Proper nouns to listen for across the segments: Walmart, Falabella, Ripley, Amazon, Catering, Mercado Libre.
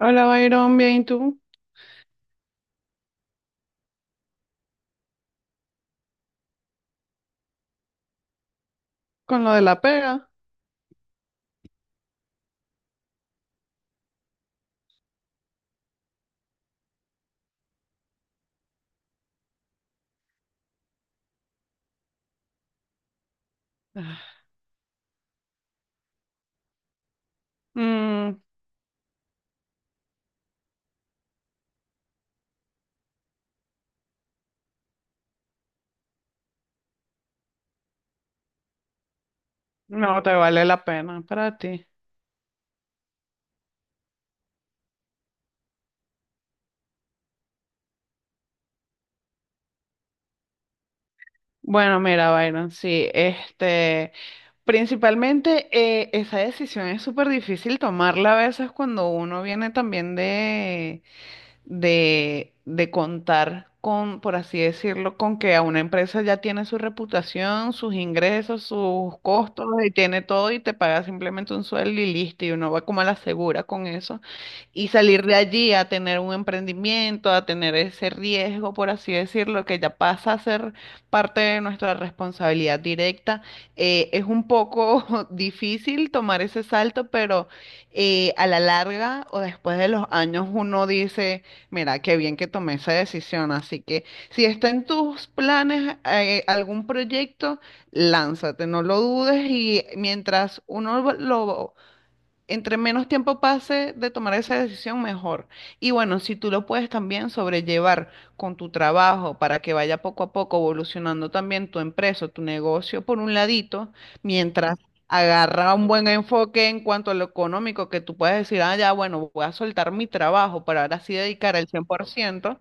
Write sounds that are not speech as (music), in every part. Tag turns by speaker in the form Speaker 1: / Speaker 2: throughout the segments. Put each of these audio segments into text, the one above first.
Speaker 1: Hola, Byron, bien, ¿y tú? Con lo de la pega. Ah, mm, no te vale la pena para ti. Bueno, mira, Byron, sí, este, principalmente esa decisión es súper difícil tomarla a veces cuando uno viene también de contar con, por así decirlo, con que a una empresa ya tiene su reputación, sus ingresos, sus costos y tiene todo y te paga simplemente un sueldo y listo y uno va como a la segura con eso y salir de allí a tener un emprendimiento, a tener ese riesgo, por así decirlo, que ya pasa a ser parte de nuestra responsabilidad directa. Es un poco (laughs) difícil tomar ese salto, pero a la larga o después de los años uno dice, mira, qué bien que tomé esa decisión. Así que si está en tus planes algún proyecto, lánzate, no lo dudes y mientras uno lo entre menos tiempo pase de tomar esa decisión, mejor. Y bueno, si tú lo puedes también sobrellevar con tu trabajo para que vaya poco a poco evolucionando también tu empresa, tu negocio por un ladito, mientras agarra un buen enfoque en cuanto a lo económico, que tú puedes decir, ah, ya, bueno, voy a soltar mi trabajo para ahora sí dedicar el 100%.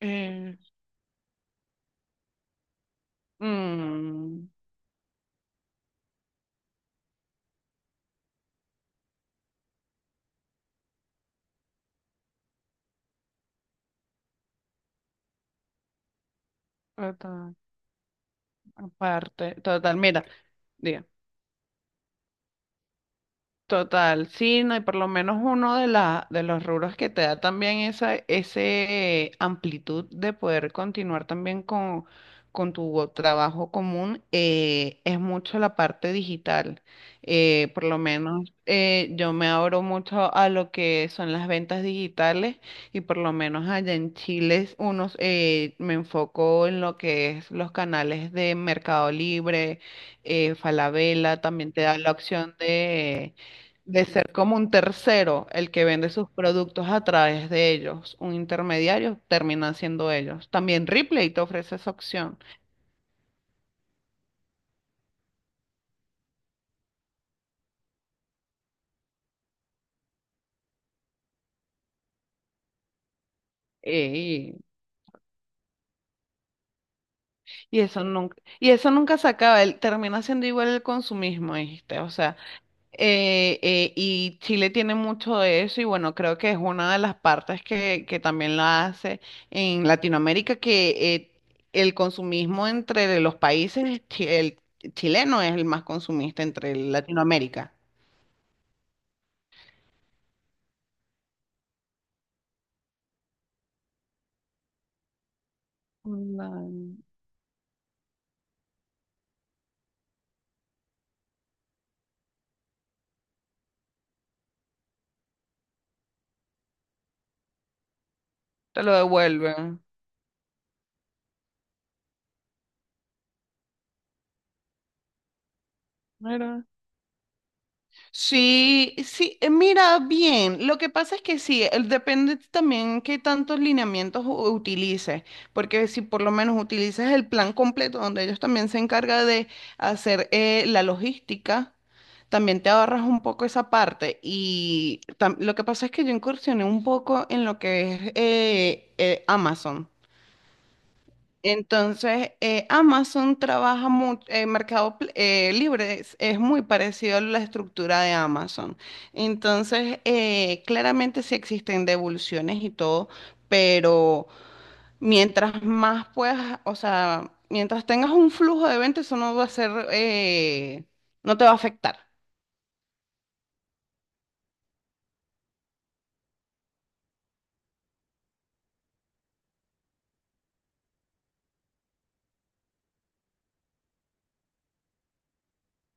Speaker 1: Eh, mm, total- Aparte, total, mira, diga. Total, sí, no, y por lo menos uno de, la, de los rubros que te da también esa ese amplitud de poder continuar también con tu trabajo común es mucho la parte digital. Por lo menos yo me abro mucho a lo que son las ventas digitales y por lo menos allá en Chile unos, me enfoco en lo que es los canales de Mercado Libre, Falabella, también te da la opción de ser como un tercero el que vende sus productos a través de ellos, un intermediario, terminan siendo ellos. También Ripley te ofrece esa opción. Eh, Y, y eso nunca se acaba, el termina siendo igual el consumismo, ¿viste? O sea, y Chile tiene mucho de eso y bueno, creo que es una de las partes que también la hace en Latinoamérica, que el consumismo entre los países, el chileno es el más consumista entre Latinoamérica. No, te lo devuelven. Mira. Sí, sí, mira, bien. Lo que pasa es que sí, depende también qué tantos lineamientos utilices, porque si por lo menos utilizas el plan completo, donde ellos también se encargan de hacer la logística, también te ahorras un poco esa parte. Y lo que pasa es que yo incursioné un poco en lo que es Amazon. Entonces, Amazon trabaja mucho, Libre es muy parecido a la estructura de Amazon. Entonces, claramente sí existen devoluciones y todo, pero mientras más puedas, o sea, mientras tengas un flujo de ventas, eso no va a ser, no te va a afectar.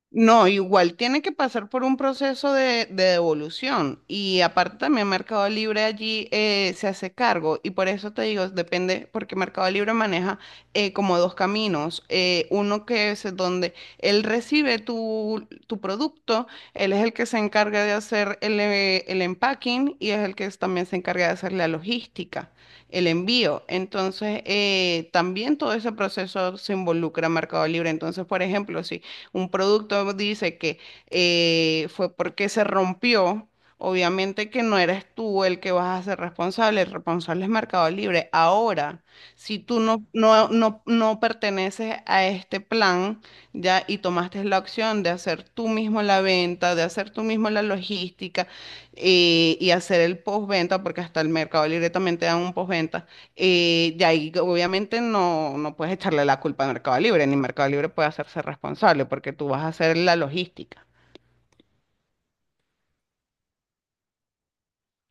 Speaker 1: No, igual tiene que pasar por un proceso de devolución y aparte también Mercado Libre allí se hace cargo y por eso te digo, depende, porque Mercado Libre maneja como dos caminos, uno que es donde él recibe tu, tu producto, él es el que se encarga de hacer el empacking y es el que también se encarga de hacer la logística, el envío, entonces también todo ese proceso se involucra en Mercado Libre, entonces por ejemplo, si un producto dice que fue porque se rompió, obviamente que no eres tú el que vas a ser responsable, el responsable es Mercado Libre. Ahora, si tú no perteneces a este plan, ya, y tomaste la opción de hacer tú mismo la venta, de hacer tú mismo la logística y hacer el postventa, porque hasta el Mercado Libre también te dan un postventa y de ahí, obviamente, no puedes echarle la culpa a Mercado Libre, ni Mercado Libre puede hacerse responsable porque tú vas a hacer la logística.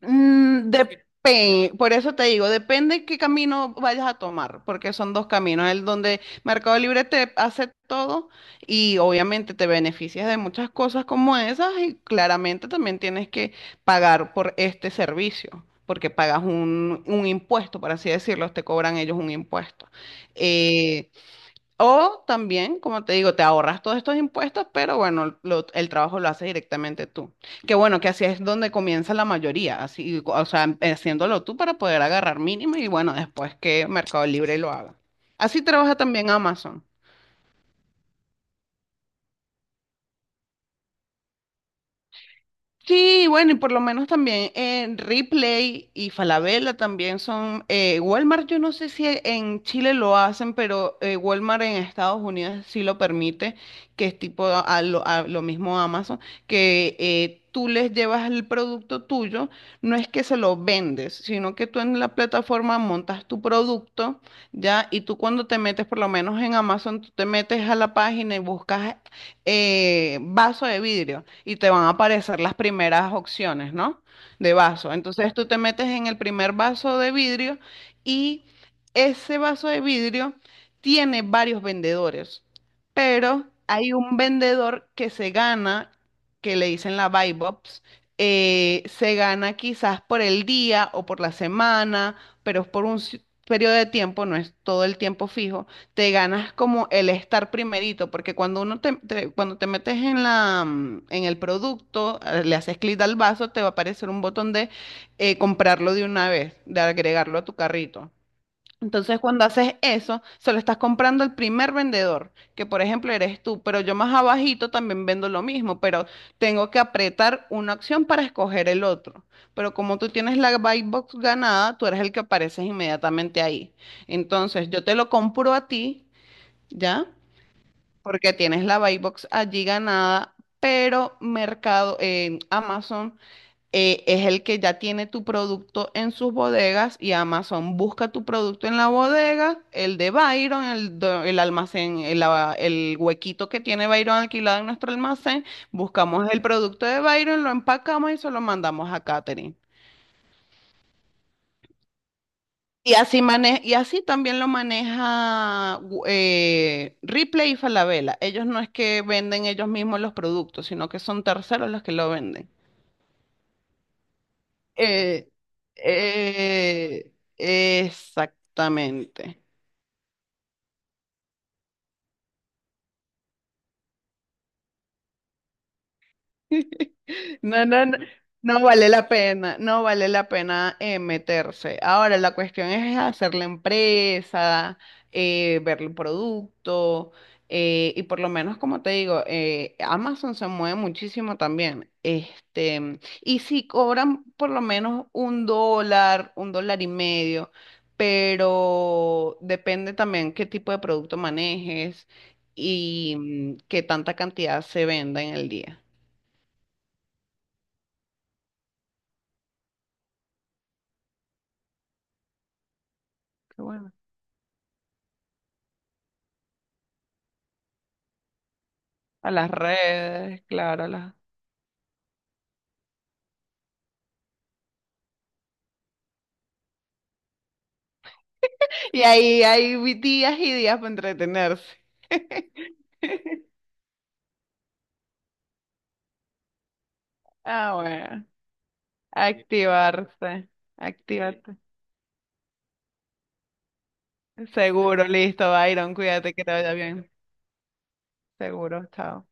Speaker 1: Mm, depe- por eso te digo, depende qué camino vayas a tomar, porque son dos caminos, el donde Mercado Libre te hace todo y obviamente te beneficias de muchas cosas como esas y claramente también tienes que pagar por este servicio, porque pagas un impuesto, por así decirlo, te cobran ellos un impuesto. Eh, O también, como te digo, te ahorras todos estos impuestos, pero bueno, el trabajo lo haces directamente tú. Que bueno, que así es donde comienza la mayoría, así, o sea, haciéndolo tú para poder agarrar mínimo y bueno, después que Mercado Libre lo haga. Así trabaja también Amazon. Sí, bueno, y por lo menos también en Ripley y Falabella también son, Walmart, yo no sé si en Chile lo hacen, pero Walmart en Estados Unidos sí lo permite, que es tipo a lo mismo Amazon, que tú les llevas el producto tuyo, no es que se lo vendes, sino que tú en la plataforma montas tu producto, ¿ya? Y tú cuando te metes, por lo menos en Amazon, tú te metes a la página y buscas vaso de vidrio y te van a aparecer las primeras opciones, ¿no? De vaso. Entonces tú te metes en el primer vaso de vidrio y ese vaso de vidrio tiene varios vendedores, pero hay un vendedor que se gana, que le dicen la buy box, se gana quizás por el día o por la semana, pero es por un periodo de tiempo, no es todo el tiempo fijo te ganas como el estar primerito, porque cuando uno cuando te metes en la, mm, en el producto, le haces clic al vaso, te va a aparecer un botón de comprarlo de una vez, de agregarlo a tu carrito. Entonces, cuando haces eso, se lo estás comprando al primer vendedor, que por ejemplo eres tú, pero yo más abajito también vendo lo mismo, pero tengo que apretar una opción para escoger el otro. Pero como tú tienes la buy box ganada, tú eres el que apareces inmediatamente ahí. Entonces, yo te lo compro a ti ¿ya? Porque tienes la buy box allí ganada, pero Mercado, en Amazon es el que ya tiene tu producto en sus bodegas y Amazon busca tu producto en la bodega, el de Byron, el almacén, el huequito que tiene Byron alquilado en nuestro almacén, buscamos el producto de Byron, lo empacamos y se lo mandamos a Catering. Y así, y así también lo maneja Ripley y Falabella. Ellos no es que venden ellos mismos los productos, sino que son terceros los que lo venden. Eh, eh, exactamente. No, no, no, no vale la pena, no vale la pena meterse. Ahora, la cuestión es hacer la empresa, ver el producto, y por lo menos, como te digo, Amazon se mueve muchísimo también. Este, y si cobran por lo menos un dólar y medio, pero depende también qué tipo de producto manejes y mm, qué tanta cantidad se venda en el día. Qué bueno. A las redes, claro. Y ahí hay días y días para entretenerse. (laughs) Ah, bueno. Activarse. Activarte. Seguro, listo, Byron. Cuídate que te vaya bien. Seguro, chao.